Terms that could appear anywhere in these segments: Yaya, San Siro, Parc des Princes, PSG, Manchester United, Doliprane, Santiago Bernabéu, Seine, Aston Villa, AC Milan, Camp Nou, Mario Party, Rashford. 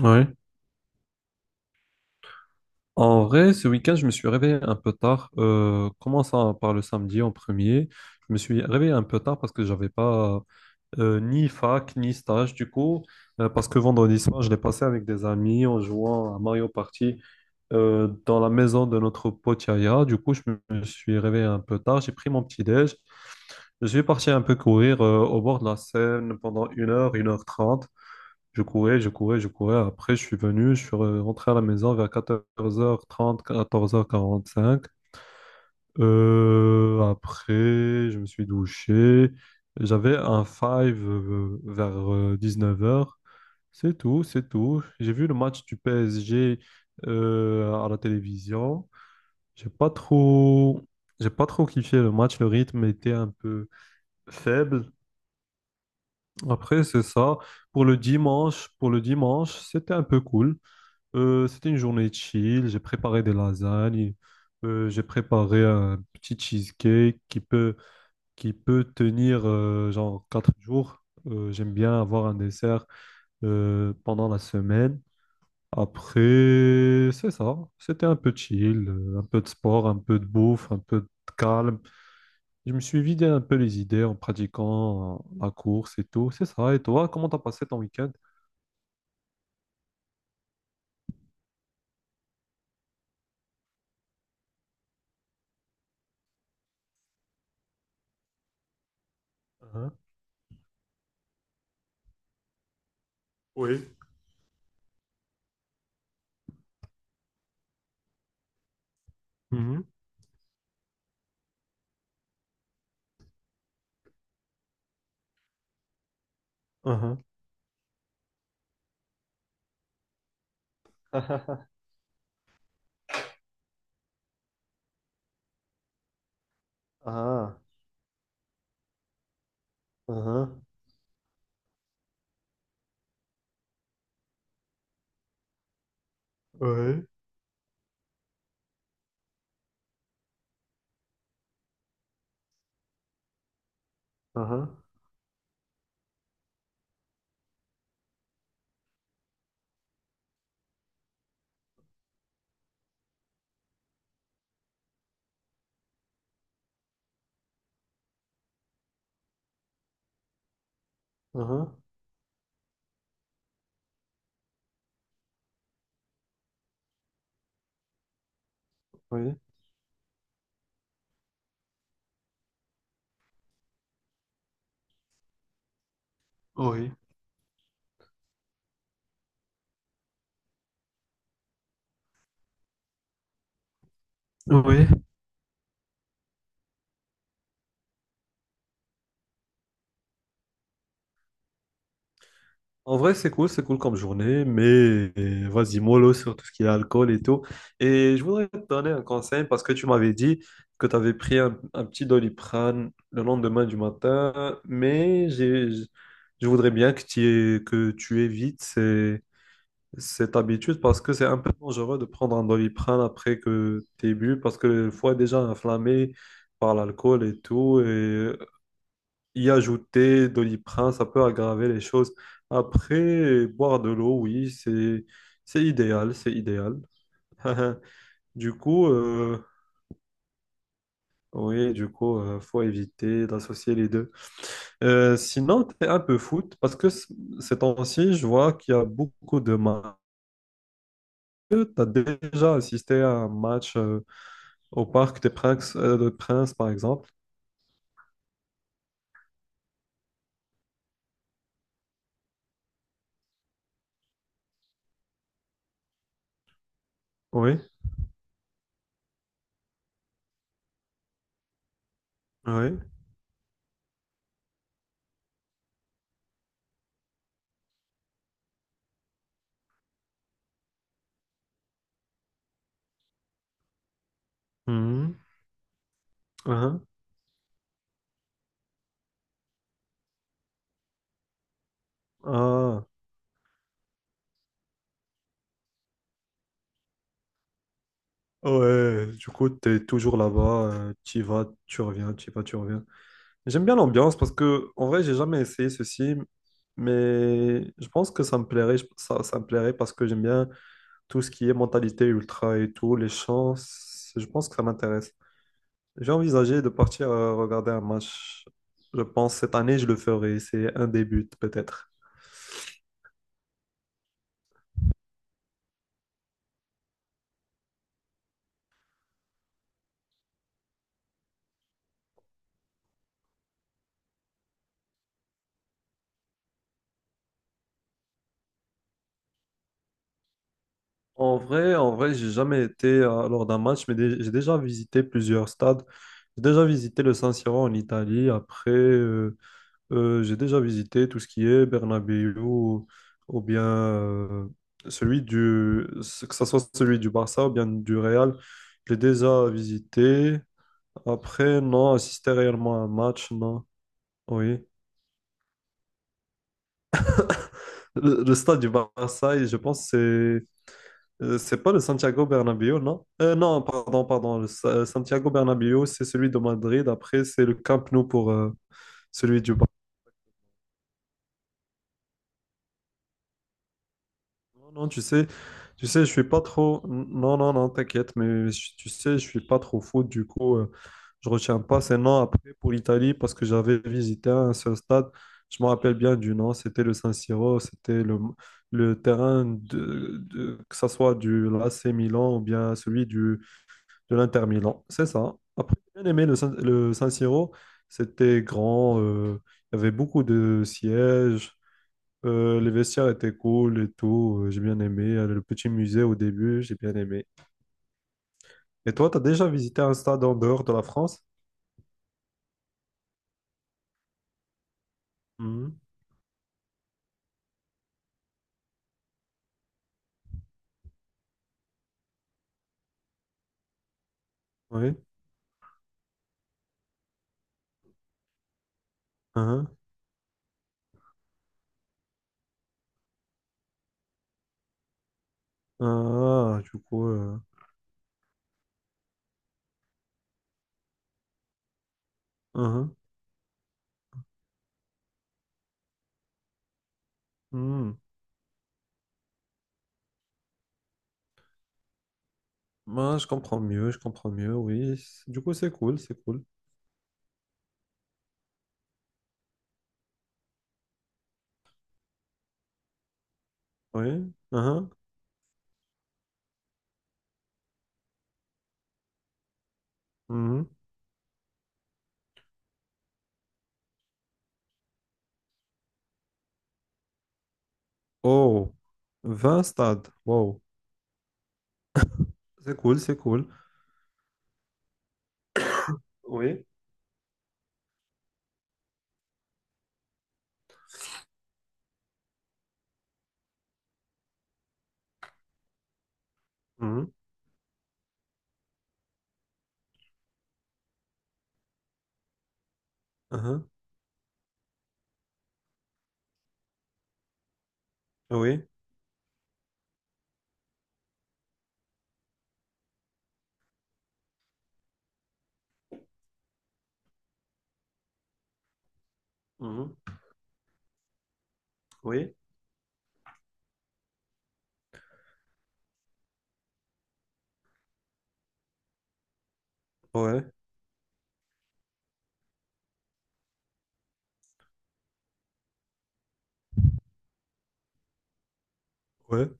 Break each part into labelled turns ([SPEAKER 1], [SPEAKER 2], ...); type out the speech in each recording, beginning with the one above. [SPEAKER 1] Ouais. En vrai, ce week-end, je me suis réveillé un peu tard. Commençant par le samedi en premier, je me suis réveillé un peu tard parce que j'avais pas ni fac ni stage du coup. Parce que vendredi soir, je l'ai passé avec des amis en jouant à Mario Party dans la maison de notre pote Yaya. Du coup, je me suis réveillé un peu tard. J'ai pris mon petit déj. Je suis parti un peu courir au bord de la Seine pendant une heure trente. Je courais, je courais, je courais. Après, je suis venu, rentré à la maison vers 14h30, 14h45. Après, je me suis douché. J'avais un five vers 19h. C'est tout, c'est tout. J'ai vu le match du PSG à la télévision. J'ai pas trop, j'ai pas trop kiffé le match. Le rythme était un peu faible. Après, c'est ça. Pour le dimanche, c'était un peu cool. C'était une journée chill, j'ai préparé des lasagnes, j'ai préparé un petit cheesecake qui peut tenir genre 4 jours. J'aime bien avoir un dessert pendant la semaine. Après, c'est ça, c'était un peu chill, un peu de sport, un peu de bouffe, un peu de calme. Je me suis vidé un peu les idées en pratiquant la course et tout, c'est ça. Et toi, comment t'as passé ton week-end? Hein. Oui. Mhm. Mhm. Ah, ah. Ouais, uhum, uhum, oui. Oui. Oui. En vrai, c'est cool comme journée, mais vas-y, mollo sur tout ce qui est alcool et tout. Et je voudrais te donner un conseil parce que tu m'avais dit que tu avais pris un petit Doliprane le lendemain du matin, mais je voudrais bien que tu, que tu évites cette habitude parce que c'est un peu dangereux de prendre un Doliprane après que tu bu parce que le foie est déjà inflammé par l'alcool et tout. Et y ajouter Doliprane, ça peut aggraver les choses. Après, boire de l'eau, oui, c'est idéal, c'est idéal. Du coup, oui, du coup, faut éviter d'associer les deux. Sinon, tu es un peu foot parce que ces temps-ci, je vois qu'il y a beaucoup de matchs. Tu as déjà assisté à un match au Parc des Princes, de Princes, par exemple. Oui, oui. Mhm. Ah, ah. Ouais, du coup, t'es toujours là-bas, tu y vas, tu reviens, tu y vas, tu reviens. J'aime bien l'ambiance parce que, en vrai, j'ai jamais essayé ceci, mais je pense que ça me plairait, ça, ça me plairait parce que j'aime bien tout ce qui est mentalité ultra et tout, les chants, je pense que ça m'intéresse. J'ai envisagé de partir regarder un match, je pense, cette année, je le ferai, c'est un des buts, peut-être. En vrai, j'ai jamais été lors d'un match, mais j'ai déjà visité plusieurs stades. J'ai déjà visité le San Siro en Italie. Après, j'ai déjà visité tout ce qui est Bernabéu ou bien celui du, que ce soit celui du Barça ou bien du Real. Je l'ai déjà visité. Après, non, assister réellement à un match, non. Oui. Le stade du Barça, je pense, c'est. C'est pas le Santiago Bernabéu, non? Non, pardon, pardon. Santiago Bernabéu, c'est celui de Madrid. Après, c'est le Camp Nou pour celui du Barça. Non, non, tu sais, je suis pas trop. Non, non, non, t'inquiète, mais tu sais, je suis pas trop fou. Du coup, je retiens pas ces noms après pour l'Italie parce que j'avais visité un seul stade. Je me rappelle bien du nom. C'était le San Siro. C'était le terrain que ça soit du AC Milan ou bien celui du de l'Inter Milan, c'est ça. Après, j'ai bien aimé le San Siro. C'était grand, il y avait beaucoup de sièges, les vestiaires étaient cool et tout. J'ai bien aimé. Le petit musée au début, j'ai bien aimé. Et toi, t'as déjà visité un stade en dehors de la France? Mhm. Oui. Uhum. Ah, du coup. Uhum. Hmm. Moi, je comprends mieux, oui. Du coup, c'est cool, c'est cool. Oui. Uhum. Mhm. Oh, 20 stades. Wow. C'est cool, c'est cool. Oui, mhm. Mhm. Oui, mhm, oui. Ouais, ouais.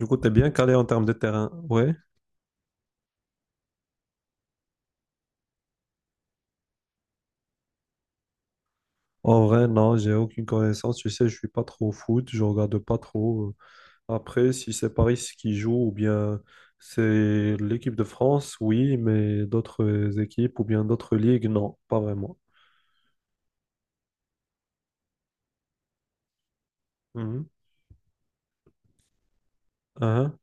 [SPEAKER 1] Du coup, t'es bien calé en termes de terrain. Ouais. En vrai, non, j'ai aucune connaissance. Tu sais, je suis pas trop au foot, je regarde pas trop. Après, si c'est Paris qui joue ou bien c'est l'équipe de France, oui, mais d'autres équipes ou bien d'autres ligues, non, pas vraiment. Mhm. Mhm.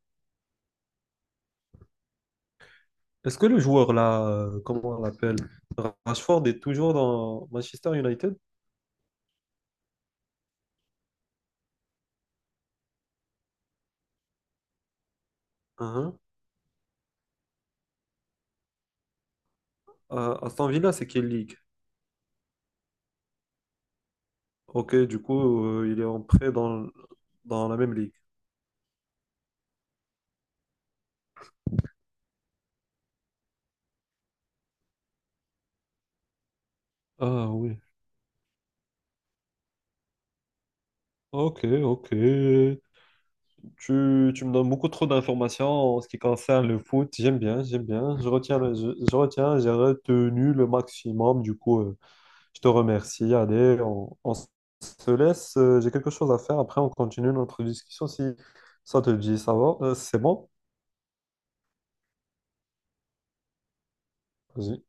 [SPEAKER 1] Est-ce que le joueur là, comment on l'appelle, Rashford est toujours dans Manchester United? Mhm. Aston Villa, c'est quelle ligue? Ok, du coup, il est en prêt dans la même ligue. Ah oui. Ok, ok. Tu me donnes beaucoup trop d'informations en ce qui concerne le foot. J'aime bien, j'aime bien. Je retiens, je retiens, j'ai retenu le maximum. Du coup, je te remercie. Allez, on se laisse. J'ai quelque chose à faire. Après, on continue notre discussion si ça te dit. Ça va? C'est bon? Vas-y.